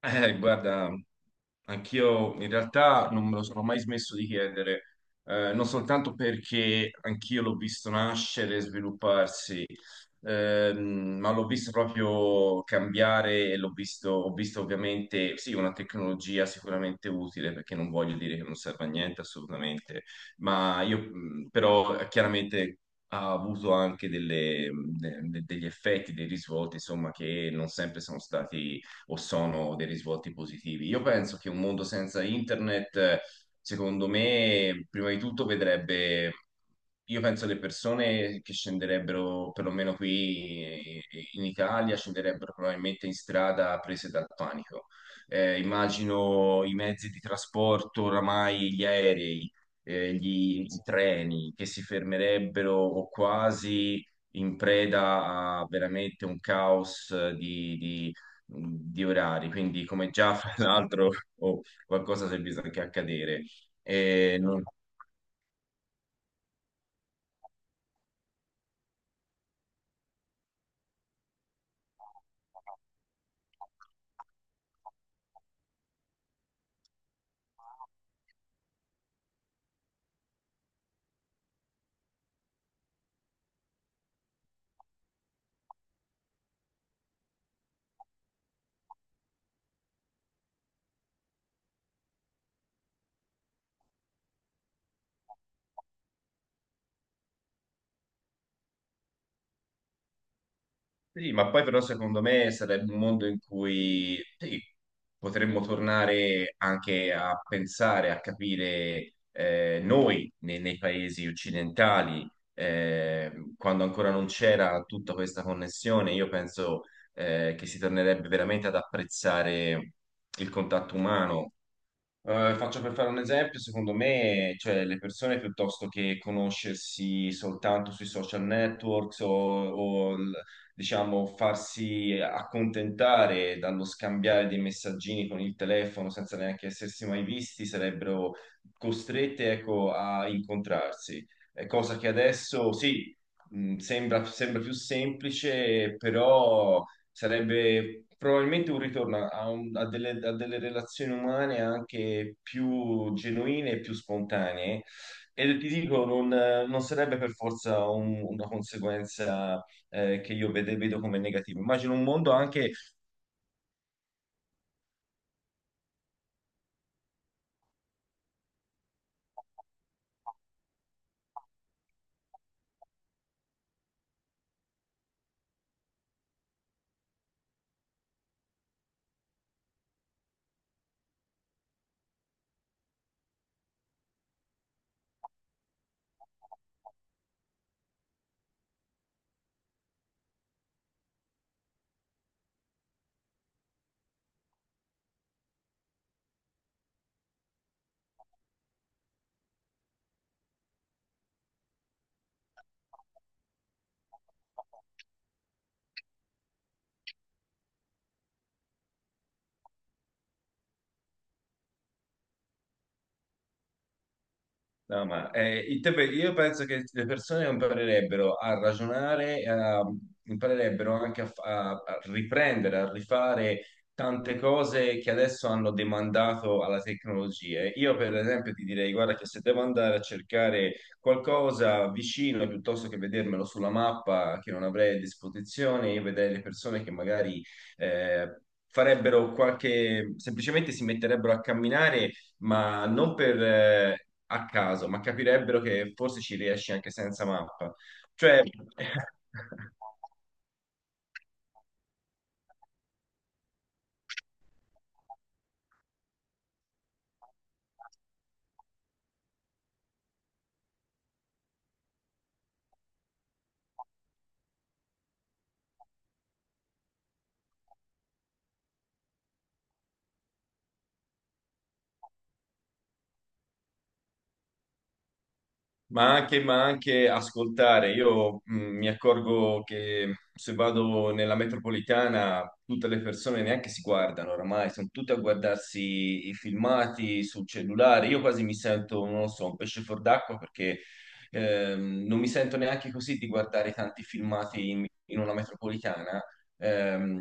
Guarda, anch'io in realtà non me lo sono mai smesso di chiedere. Non soltanto perché anch'io l'ho visto nascere e svilupparsi, ma l'ho visto proprio cambiare e ho visto ovviamente, sì, una tecnologia sicuramente utile, perché non voglio dire che non serve a niente assolutamente. Ma io però chiaramente ha avuto anche degli effetti, dei risvolti, insomma, che non sempre sono stati o sono dei risvolti positivi. Io penso che un mondo senza internet, secondo me, prima di tutto vedrebbe, io penso, le persone che scenderebbero, perlomeno qui, in Italia, scenderebbero probabilmente in strada prese dal panico. Immagino i mezzi di trasporto, oramai gli aerei, i treni che si fermerebbero o quasi in preda a veramente un caos di orari, quindi come già fra l'altro oh, qualcosa si è visto anche accadere. E non- sì, ma poi però secondo me sarebbe un mondo in cui sì, potremmo tornare anche a pensare, a capire, noi nei paesi occidentali, quando ancora non c'era tutta questa connessione. Io penso che si tornerebbe veramente ad apprezzare il contatto umano. Faccio per fare un esempio, secondo me, cioè, le persone, piuttosto che conoscersi soltanto sui social networks diciamo farsi accontentare dallo scambiare dei messaggini con il telefono senza neanche essersi mai visti, sarebbero costrette, ecco, a incontrarsi. È cosa che adesso sì, sembra più semplice, però sarebbe probabilmente un ritorno a delle relazioni umane anche più genuine e più spontanee. E ti dico, non sarebbe per forza una conseguenza che vedo come negativa. Immagino un mondo anche no, ma io penso che le persone imparerebbero a ragionare, imparerebbero anche a riprendere, a rifare tante cose che adesso hanno demandato alla tecnologia. Io, per esempio, ti direi, guarda, che se devo andare a cercare qualcosa vicino, piuttosto che vedermelo sulla mappa che non avrei a disposizione, io vedrei le persone che magari eh, farebbero qualche, semplicemente si metterebbero a camminare, ma non per a caso, ma capirebbero che forse ci riesci anche senza mappa. Cioè, ma anche ascoltare. Io mi accorgo che se vado nella metropolitana tutte le persone neanche si guardano oramai, sono tutte a guardarsi i filmati sul cellulare. Io quasi mi sento, non lo so, un pesce fuor d'acqua perché non mi sento neanche così di guardare tanti filmati in una metropolitana. Ehm,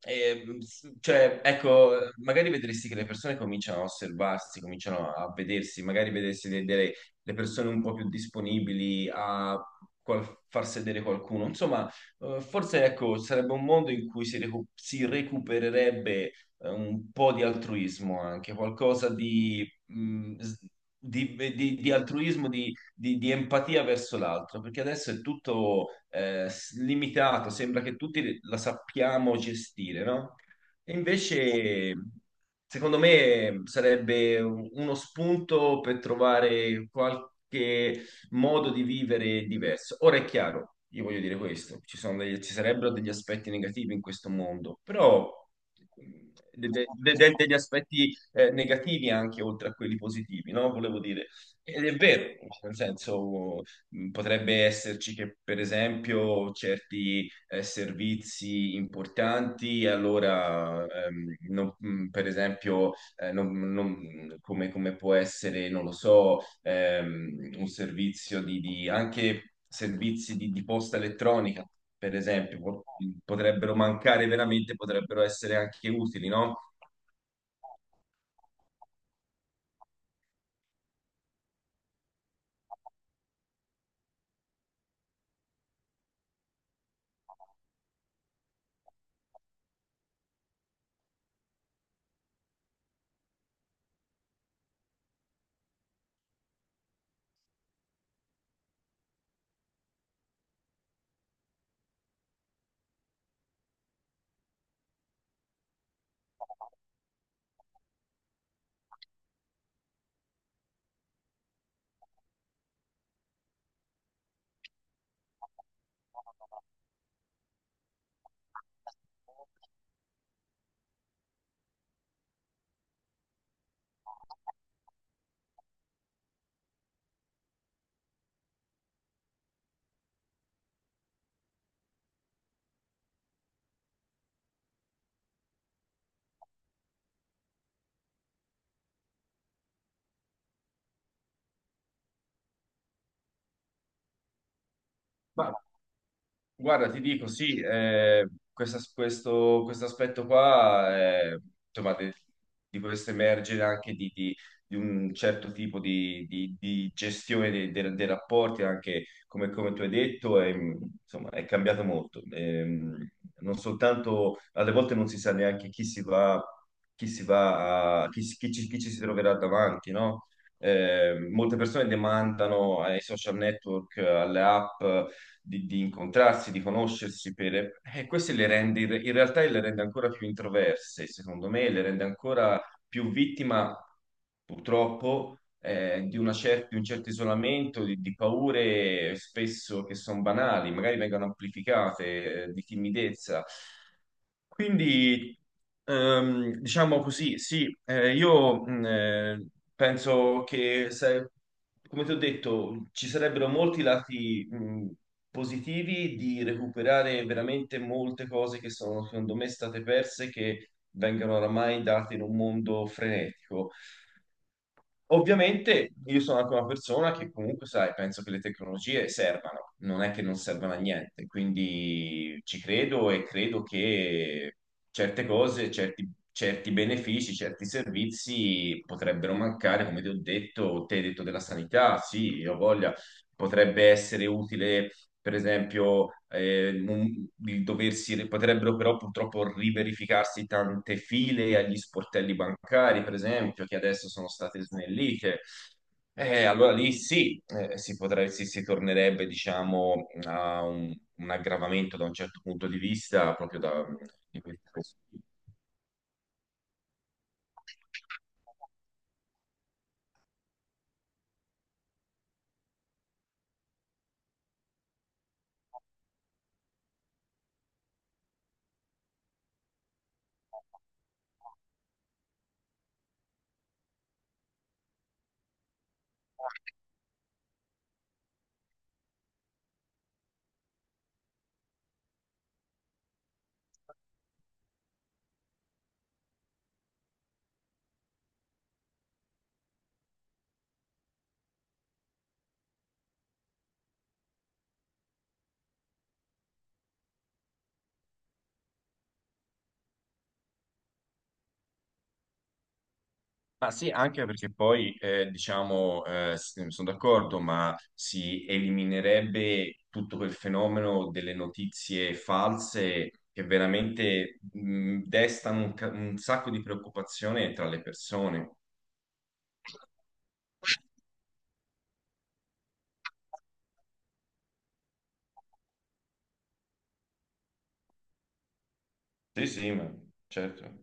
cioè, ecco, magari vedresti che le persone cominciano a osservarsi, cominciano a vedersi, magari vedresti delle le persone un po' più disponibili a far sedere qualcuno. Insomma, forse ecco, sarebbe un mondo in cui si recupererebbe un po' di altruismo anche, qualcosa di altruismo, di empatia verso l'altro, perché adesso è tutto limitato, sembra che tutti la sappiamo gestire, no? E invece, secondo me, sarebbe uno spunto per trovare qualche modo di vivere diverso. Ora è chiaro, io voglio dire questo: ci sono ci sarebbero degli aspetti negativi in questo mondo, però mh, de- de- degli aspetti negativi anche oltre a quelli positivi, no? Volevo dire. Ed è vero, nel senso, potrebbe esserci che per esempio certi servizi importanti, allora per esempio come, come può essere, non lo so, un servizio anche servizi di posta elettronica, per esempio, potrebbero mancare veramente, potrebbero essere anche utili, no? Guarda, ti dico, sì, questo aspetto qua, insomma, di questo emergere anche di un certo tipo di gestione dei rapporti, anche come, come tu hai detto, è, insomma, è cambiato molto. Non soltanto, alle volte non si sa neanche chi si va, chi ci si troverà davanti, no? Molte persone demandano ai social network, alle app di incontrarsi, di conoscersi, per... queste le rende, in realtà le rende ancora più introverse, secondo me, le rende ancora più vittima, purtroppo, di un certo isolamento, di paure spesso che sono banali, magari vengono amplificate, di timidezza. Quindi, diciamo così, sì, io penso che, come ti ho detto, ci sarebbero molti lati positivi di recuperare veramente molte cose che sono, secondo me, state perse, che vengono oramai date in un mondo frenetico. Ovviamente io sono anche una persona che comunque, sai, penso che le tecnologie servano, non è che non servano a niente, quindi ci credo e credo che certe cose, certi benefici, certi servizi potrebbero mancare. Come ti ho detto, te hai detto della sanità, sì, io ho voglia, potrebbe essere utile, per esempio, di doversi, potrebbero però purtroppo riverificarsi tante file agli sportelli bancari, per esempio, che adesso sono state snellite. Allora lì sì, si potrebbe, si tornerebbe, diciamo, a un aggravamento da un certo punto di vista, proprio da, di questo. Ma sì, anche perché poi, diciamo, sono d'accordo, ma si eliminerebbe tutto quel fenomeno delle notizie false che veramente destano un sacco di preoccupazione tra le persone. Sì, sì, ma certo.